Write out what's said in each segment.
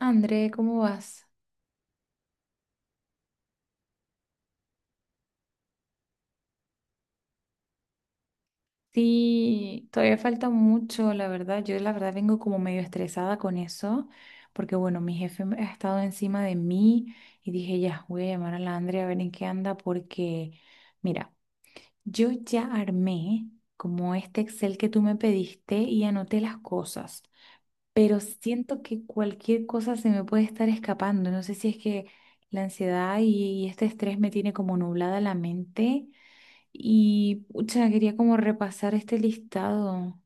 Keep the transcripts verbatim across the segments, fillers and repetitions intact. André, ¿cómo vas? Sí, todavía falta mucho, la verdad. Yo la verdad vengo como medio estresada con eso, porque bueno, mi jefe ha estado encima de mí y dije, ya, voy a llamar a la Andrea a ver en qué anda, porque mira, yo ya armé como este Excel que tú me pediste y anoté las cosas, pero siento que cualquier cosa se me puede estar escapando. No sé si es que la ansiedad y y este estrés me tiene como nublada la mente. Y pucha, quería como repasar este listado.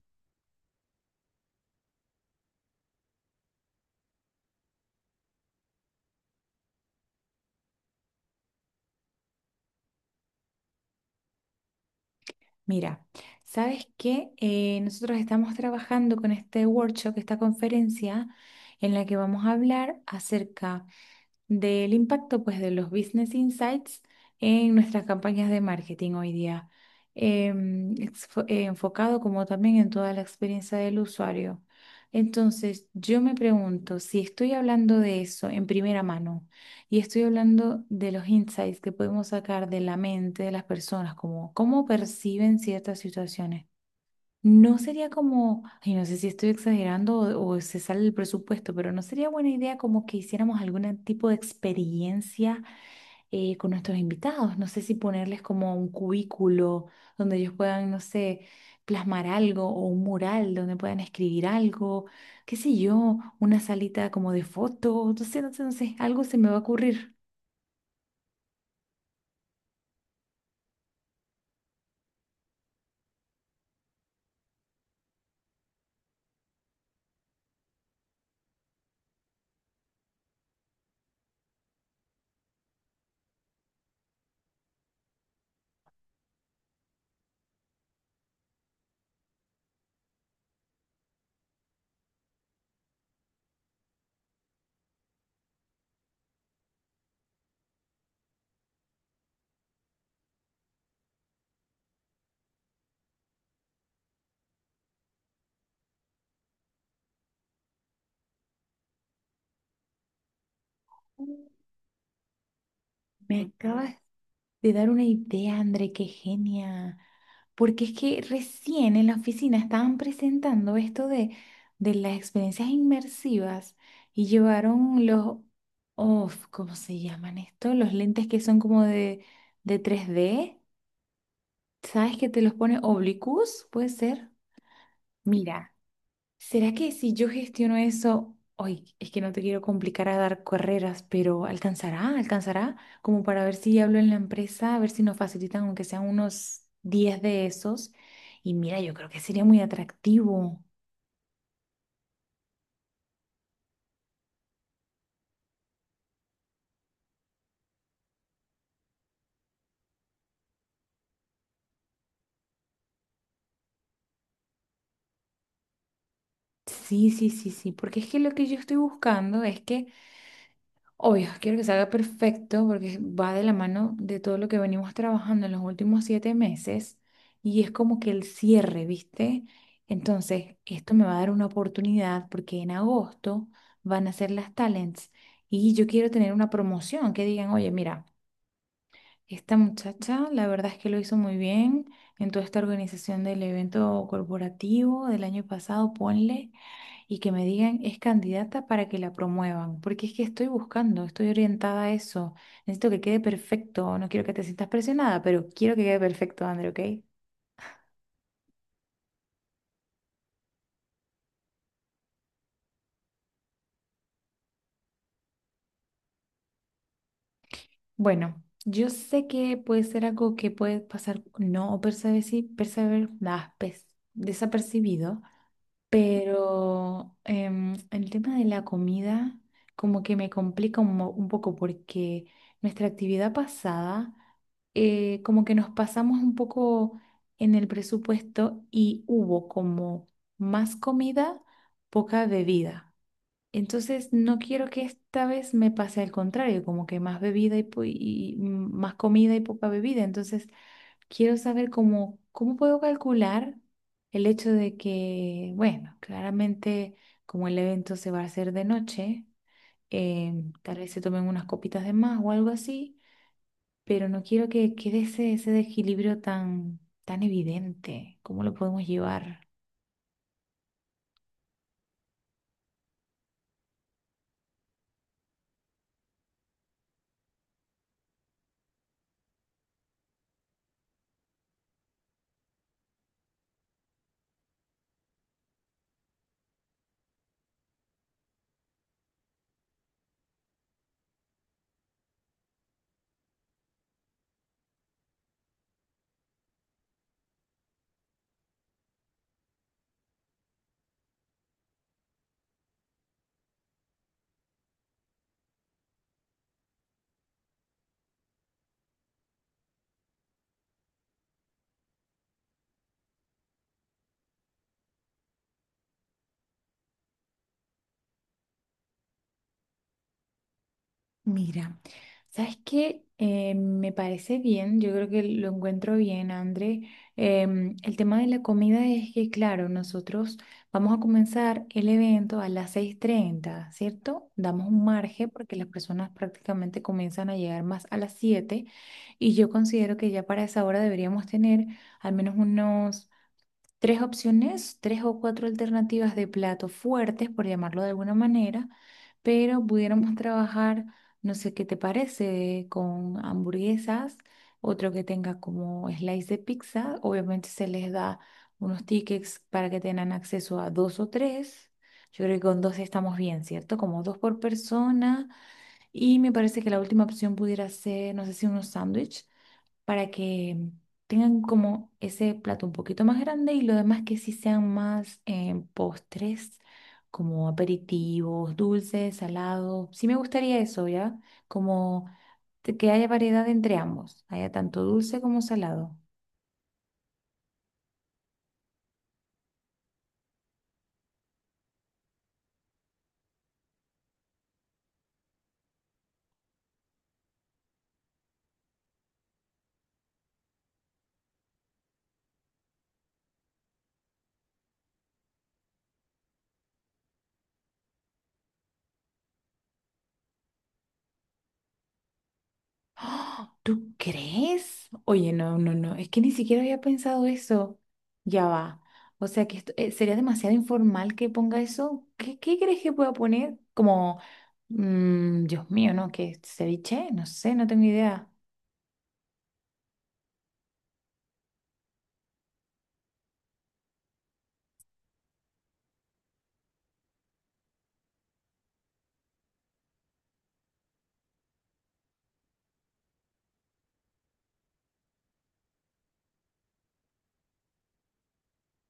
Mira, ¿sabes qué? Eh, nosotros estamos trabajando con este workshop, esta conferencia, en la que vamos a hablar acerca del impacto pues de los business insights en nuestras campañas de marketing hoy día, em, exfo- eh, enfocado como también en toda la experiencia del usuario. Entonces, yo me pregunto si estoy hablando de eso en primera mano y estoy hablando de los insights que podemos sacar de la mente de las personas, como cómo perciben ciertas situaciones. No sería como, ay, no sé si estoy exagerando o, o se sale el presupuesto, pero no sería buena idea como que hiciéramos algún tipo de experiencia eh, con nuestros invitados. No sé si ponerles como un cubículo donde ellos puedan, no sé, plasmar algo o un mural donde puedan escribir algo, qué sé yo, una salita como de fotos, no sé, no sé, no sé, algo se me va a ocurrir. Me acabas de dar una idea, André, qué genia. Porque es que recién en la oficina estaban presentando esto de, de las experiencias inmersivas y llevaron los, oh, ¿cómo se llaman esto? Los lentes que son como de, de tres D. ¿Sabes que te los pone oblicuos? Puede ser. Mira. ¿Será que si yo gestiono eso, hoy es que no te quiero complicar a dar carreras, pero alcanzará, alcanzará, como para ver si hablo en la empresa, a ver si nos facilitan aunque sean unos diez de esos? Y mira, yo creo que sería muy atractivo. Sí, sí, sí, sí, porque es que lo que yo estoy buscando es que, obvio, quiero que salga perfecto porque va de la mano de todo lo que venimos trabajando en los últimos siete meses y es como que el cierre, ¿viste? Entonces, esto me va a dar una oportunidad porque en agosto van a ser las talents y yo quiero tener una promoción que digan, oye, mira, esta muchacha la verdad es que lo hizo muy bien en toda esta organización del evento corporativo del año pasado, ponle, y que me digan es candidata para que la promuevan, porque es que estoy buscando, estoy orientada a eso. Necesito que quede perfecto, no quiero que te sientas presionada, pero quiero que quede perfecto, André, ¿ok? Bueno, yo sé que puede ser algo que puede pasar no percibir, percibir, desapercibido. Pero em, el tema de la comida como que me complica un, mo- un poco porque nuestra actividad pasada, eh, como que nos pasamos un poco en el presupuesto y hubo como más comida, poca bebida. Entonces no quiero que esta vez me pase al contrario, como que más bebida y, po- y- y, mm, más comida y poca bebida. Entonces quiero saber cómo, cómo puedo calcular el hecho de que, bueno, claramente como el evento se va a hacer de noche, eh, tal vez se tomen unas copitas de más o algo así, pero no quiero que quede ese, ese desequilibrio tan, tan evidente. ¿Cómo lo podemos llevar? Mira, ¿sabes qué? Eh, me parece bien, yo creo que lo encuentro bien, André. Em, el tema de la comida es que, claro, nosotros vamos a comenzar el evento a las seis treinta, ¿cierto? Damos un margen porque las personas prácticamente comienzan a llegar más a las siete y yo considero que ya para esa hora deberíamos tener al menos unos tres opciones, tres o cuatro alternativas de platos fuertes, por llamarlo de alguna manera, pero pudiéramos trabajar, no sé qué te parece, con hamburguesas, otro que tenga como slice de pizza. Obviamente se les da unos tickets para que tengan acceso a dos o tres. Yo creo que con dos estamos bien, ¿cierto? Como dos por persona. Y me parece que la última opción pudiera ser, no sé, si unos sándwiches para que tengan como ese plato un poquito más grande y lo demás que sí sean más en postres, como aperitivos, dulces, salados. Sí me gustaría eso, ¿ya? Como te- que haya variedad entre ambos, haya tanto dulce como salado. ¡Ah! ¿Tú crees? Oye, no, no, no, es que ni siquiera había pensado eso. Ya va. O sea, que esto, eh, sería demasiado informal que ponga eso. ¿Qué, qué crees que pueda poner? Como, mm, Dios mío, ¿no? ¿Qué, ceviche? No sé, no tengo idea.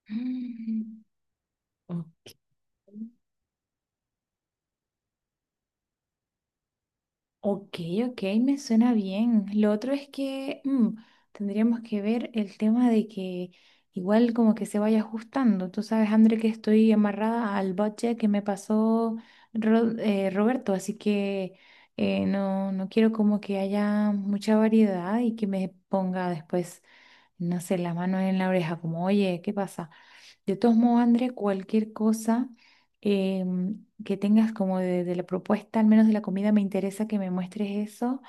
Mm, ok. Ok, ok, me suena bien. Lo otro es que mm, tendríamos que ver el tema de que igual como que se vaya ajustando. Tú sabes, André, que estoy amarrada al budget que me pasó Ro- eh, Roberto, así que eh, no, no quiero como que haya mucha variedad y que me ponga después, no sé, la mano en la oreja, como, oye, ¿qué pasa? De todos modos, André, cualquier cosa em, que tengas como de, de la propuesta, al menos de la comida, me interesa que me muestres eso.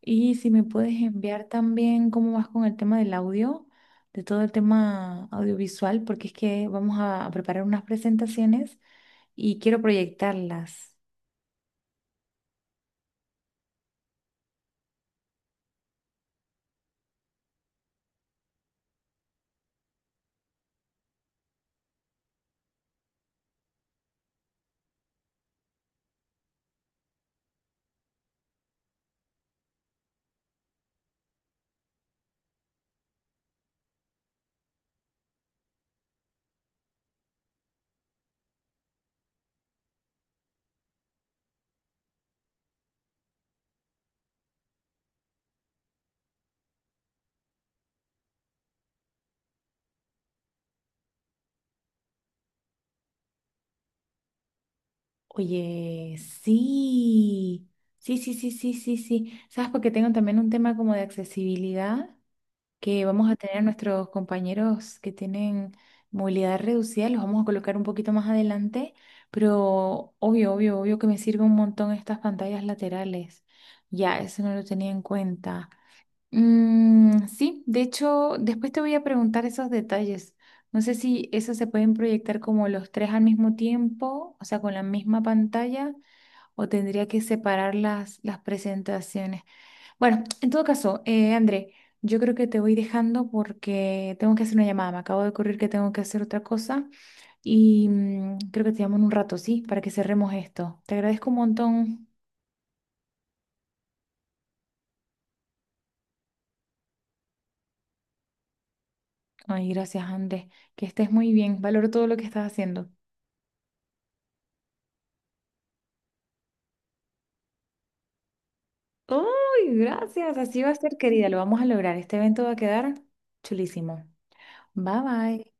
Y si me puedes enviar también cómo vas con el tema del audio, de todo el tema audiovisual, porque es que vamos a, a preparar unas presentaciones y quiero proyectarlas. Oye, sí, sí, sí, sí, sí, sí, sí. ¿Sabes? Porque tengo también un tema como de accesibilidad, que vamos a tener a nuestros compañeros que tienen movilidad reducida. Los vamos a colocar un poquito más adelante, pero obvio, obvio, obvio que me sirve un montón estas pantallas laterales. Ya, eso no lo tenía en cuenta. Mm, sí, de hecho, después te voy a preguntar esos detalles. No sé si esos se pueden proyectar como los tres al mismo tiempo, o sea, con la misma pantalla, o tendría que separar las, las presentaciones. Bueno, en todo caso, eh, André, yo creo que te voy dejando porque tengo que hacer una llamada. Me acabo de ocurrir que tengo que hacer otra cosa y mm, creo que te llamo en un rato, ¿sí? Para que cerremos esto. Te agradezco un montón. Ay, gracias, André. Que estés muy bien. Valoro todo lo que estás haciendo. ¡Ay, gracias! Así va a ser, querida. Lo vamos a lograr. Este evento va a quedar chulísimo. Bye, bye.